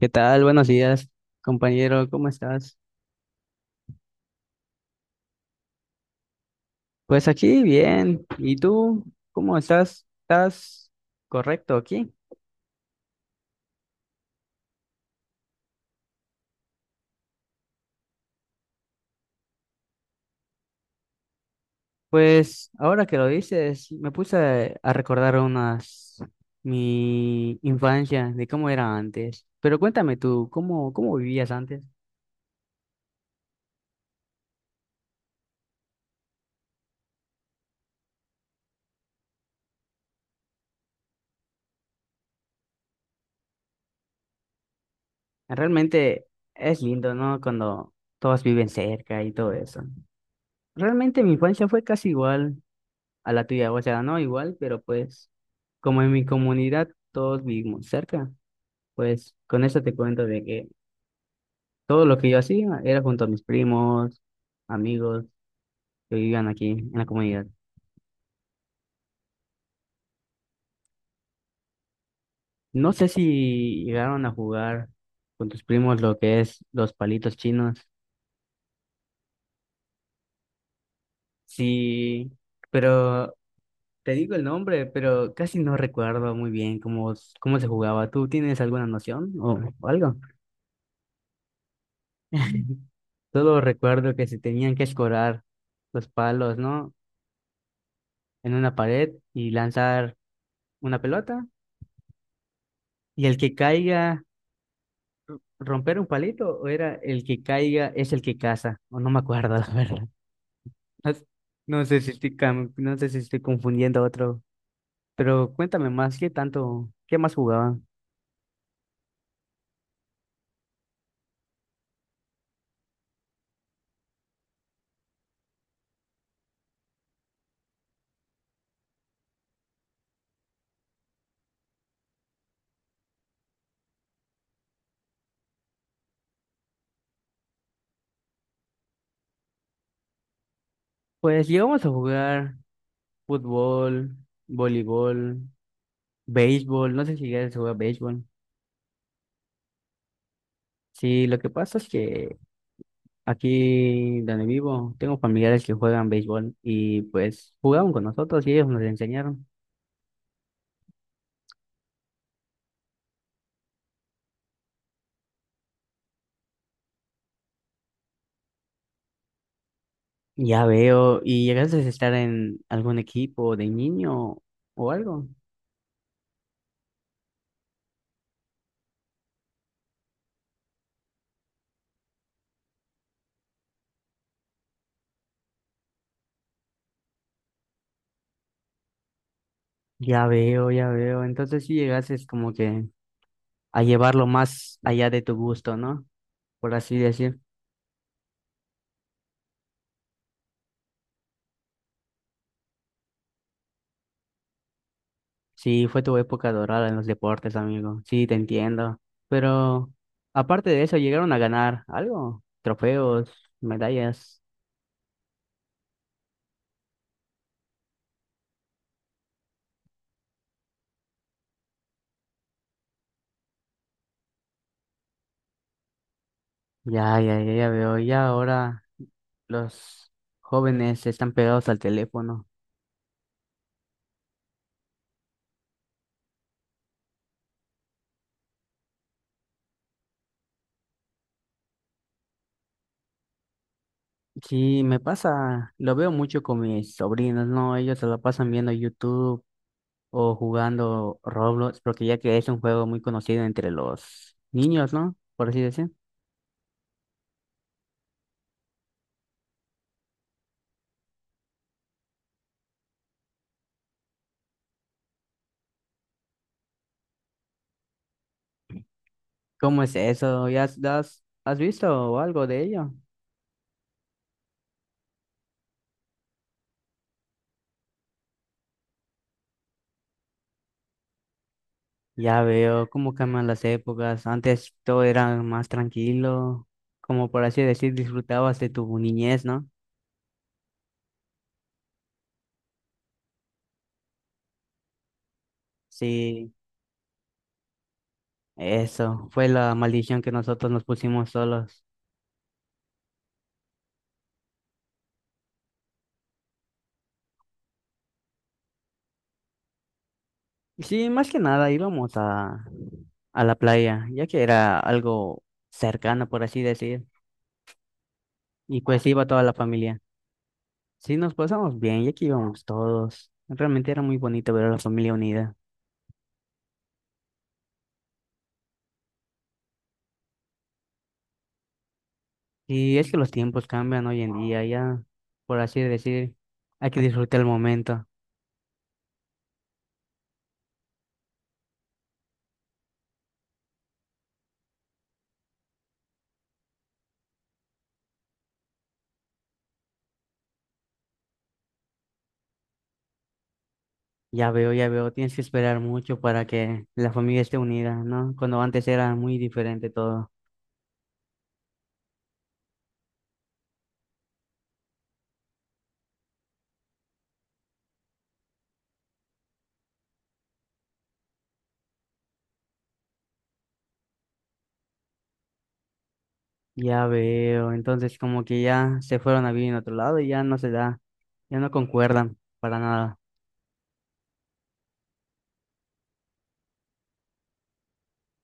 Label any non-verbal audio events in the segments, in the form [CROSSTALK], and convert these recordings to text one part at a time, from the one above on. ¿Qué tal? Buenos días, compañero. ¿Cómo estás? Pues aquí bien. ¿Y tú? ¿Cómo estás? ¿Estás correcto aquí? Pues ahora que lo dices, me puse a recordar unas mi infancia de cómo era antes. Pero cuéntame tú, ¿cómo vivías antes? Realmente es lindo, ¿no? Cuando todos viven cerca y todo eso. Realmente mi infancia fue casi igual a la tuya. O sea, no igual, pero pues como en mi comunidad todos vivimos cerca, pues con eso te cuento de que todo lo que yo hacía era junto a mis primos, amigos que vivían aquí en la comunidad. No sé si llegaron a jugar con tus primos lo que es los palitos chinos. Sí, pero te digo el nombre, pero casi no recuerdo muy bien cómo se jugaba. ¿Tú tienes alguna noción o algo? [LAUGHS] Solo recuerdo que se tenían que escorar los palos, ¿no? En una pared y lanzar una pelota. Y el que caiga, romper un palito, o era el que caiga es el que caza. O no me acuerdo, [LAUGHS] la verdad. No, s- no sé si estoy, no sé si estoy confundiendo otro. Pero cuéntame más, ¿qué tanto, qué más jugaban? Pues llegamos a jugar fútbol, voleibol, béisbol. No sé si llegaste a jugar béisbol. Sí, lo que pasa es que aquí donde vivo, tengo familiares que juegan béisbol y pues jugaban con nosotros y ellos nos enseñaron. Ya veo, ¿y llegaste a estar en algún equipo de niño o algo? Ya veo, ya veo. Entonces sí llegaste como que a llevarlo más allá de tu gusto, ¿no? Por así decir. Sí, fue tu época dorada en los deportes, amigo. Sí, te entiendo. Pero aparte de eso, llegaron a ganar algo, trofeos, medallas. Ya, ya, ya, ya veo. Ya ahora los jóvenes están pegados al teléfono. Sí, me pasa, lo veo mucho con mis sobrinos, ¿no? Ellos se lo pasan viendo YouTube o jugando Roblox, porque ya que es un juego muy conocido entre los niños, ¿no? Por así decir. ¿Cómo es eso? ¿Ya has visto algo de ello? Ya veo cómo cambian las épocas. Antes todo era más tranquilo, como por así decir, disfrutabas de tu niñez, ¿no? Sí. Eso fue la maldición que nosotros nos pusimos solos. Sí, más que nada a la playa, ya que era algo cercano, por así decir. Y pues iba toda la familia. Sí, nos pasamos bien, ya que íbamos todos. Realmente era muy bonito ver a la familia unida. Y es que los tiempos cambian hoy en día, ya, por así decir, hay que disfrutar el momento. Ya veo, tienes que esperar mucho para que la familia esté unida, ¿no? Cuando antes era muy diferente todo. Ya veo, entonces como que ya se fueron a vivir en otro lado y ya no se da, ya no concuerdan para nada.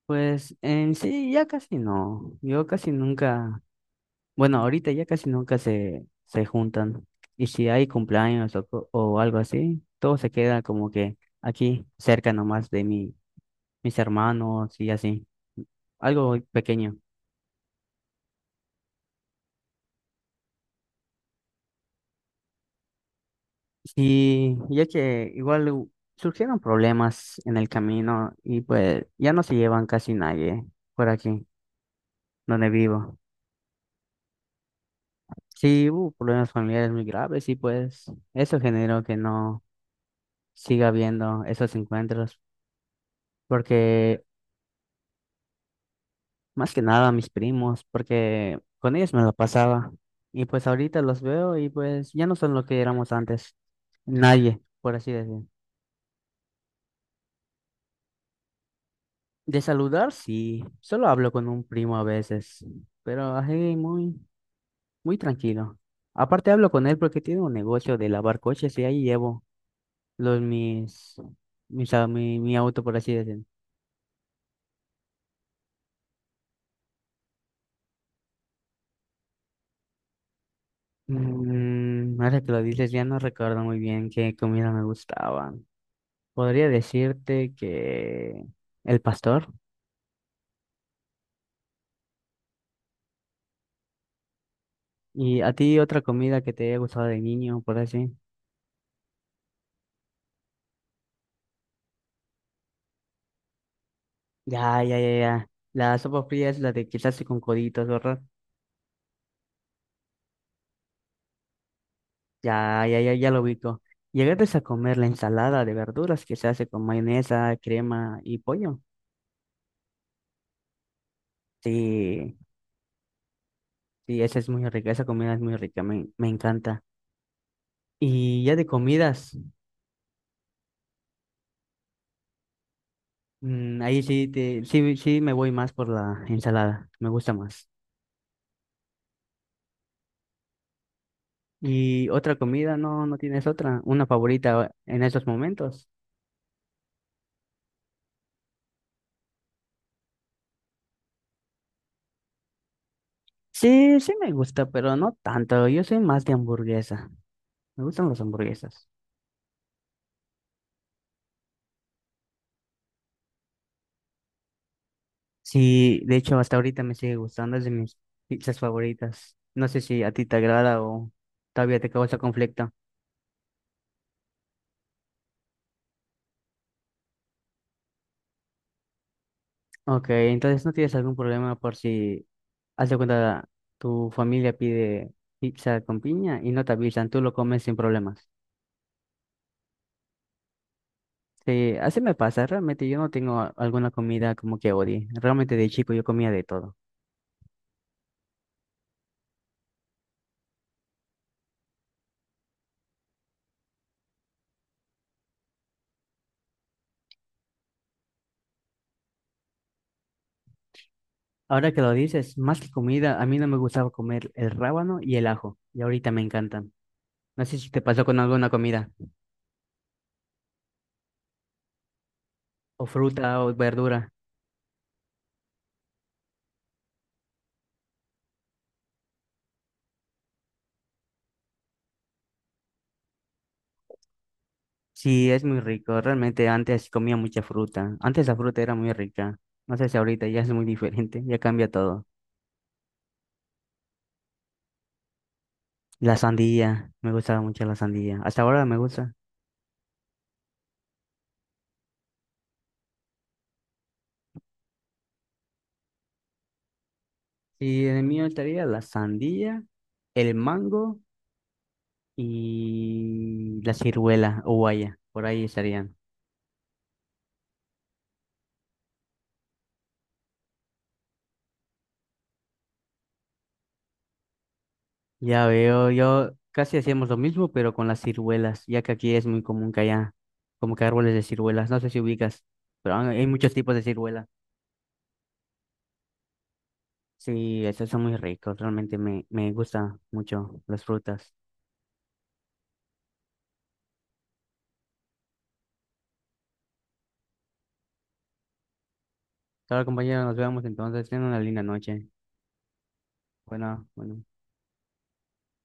Pues en sí ya casi no, yo casi nunca, bueno, ahorita ya casi nunca se juntan. Y si hay cumpleaños o algo así, todo se queda como que aquí cerca nomás de mis hermanos y así, algo pequeño. Sí, ya que igual surgieron problemas en el camino y pues ya no se llevan casi nadie por aquí donde vivo. Sí, hubo problemas familiares muy graves y pues eso generó que no siga habiendo esos encuentros, porque más que nada mis primos, porque con ellos me lo pasaba y pues ahorita los veo y pues ya no son lo que éramos antes, nadie, por así decir. De saludar, sí. Solo hablo con un primo a veces, pero así muy tranquilo. Aparte hablo con él porque tiene un negocio de lavar coches y ahí llevo los mis, mi auto, por así decirlo. Mm, ahora que lo dices, ya no recuerdo muy bien qué comida me gustaba. Podría decirte que el pastor. ¿Y a ti otra comida que te haya gustado de niño, por así? Ya, ya, ya, ya. La sopa fría es la de quizás con coditos, ¿verdad? Ya, ya, ya, ya lo ubico. Llegaste a comer la ensalada de verduras que se hace con mayonesa, crema y pollo. Sí, sí, esa es muy rica, esa comida es muy rica, me encanta. Y ya de comidas, mm, ahí sí, sí me voy más por la ensalada, me gusta más. Y otra comida, no, no tienes otra, una favorita en estos momentos. Sí, sí me gusta, pero no tanto, yo soy más de hamburguesa, me gustan las hamburguesas. Sí, de hecho, hasta ahorita me sigue gustando, es de mis pizzas favoritas. No sé si a ti te agrada o todavía te causa conflicto. Ok, entonces no tienes algún problema por si, haz de cuenta, tu familia pide pizza con piña y no te avisan, tú lo comes sin problemas. Sí, así me pasa, realmente yo no tengo alguna comida como que odie. Realmente de chico yo comía de todo. Ahora que lo dices, más que comida, a mí no me gustaba comer el rábano y el ajo, y ahorita me encantan. No sé si te pasó con alguna comida. O fruta o verdura. Sí, es muy rico. Realmente antes comía mucha fruta. Antes la fruta era muy rica. No sé si ahorita ya es muy diferente. Ya cambia todo. La sandía. Me gustaba mucho la sandía. Hasta ahora me gusta. Y en el mío estaría la sandía, el mango y la ciruela o guaya. Por ahí estarían. Ya veo, yo casi hacíamos lo mismo, pero con las ciruelas, ya que aquí es muy común que haya como que árboles de ciruelas. No sé si ubicas, pero hay muchos tipos de ciruelas. Sí, esos son muy ricos, realmente me gustan mucho las frutas. Claro, compañero, nos vemos entonces, tengan una linda noche. Bueno, bueno.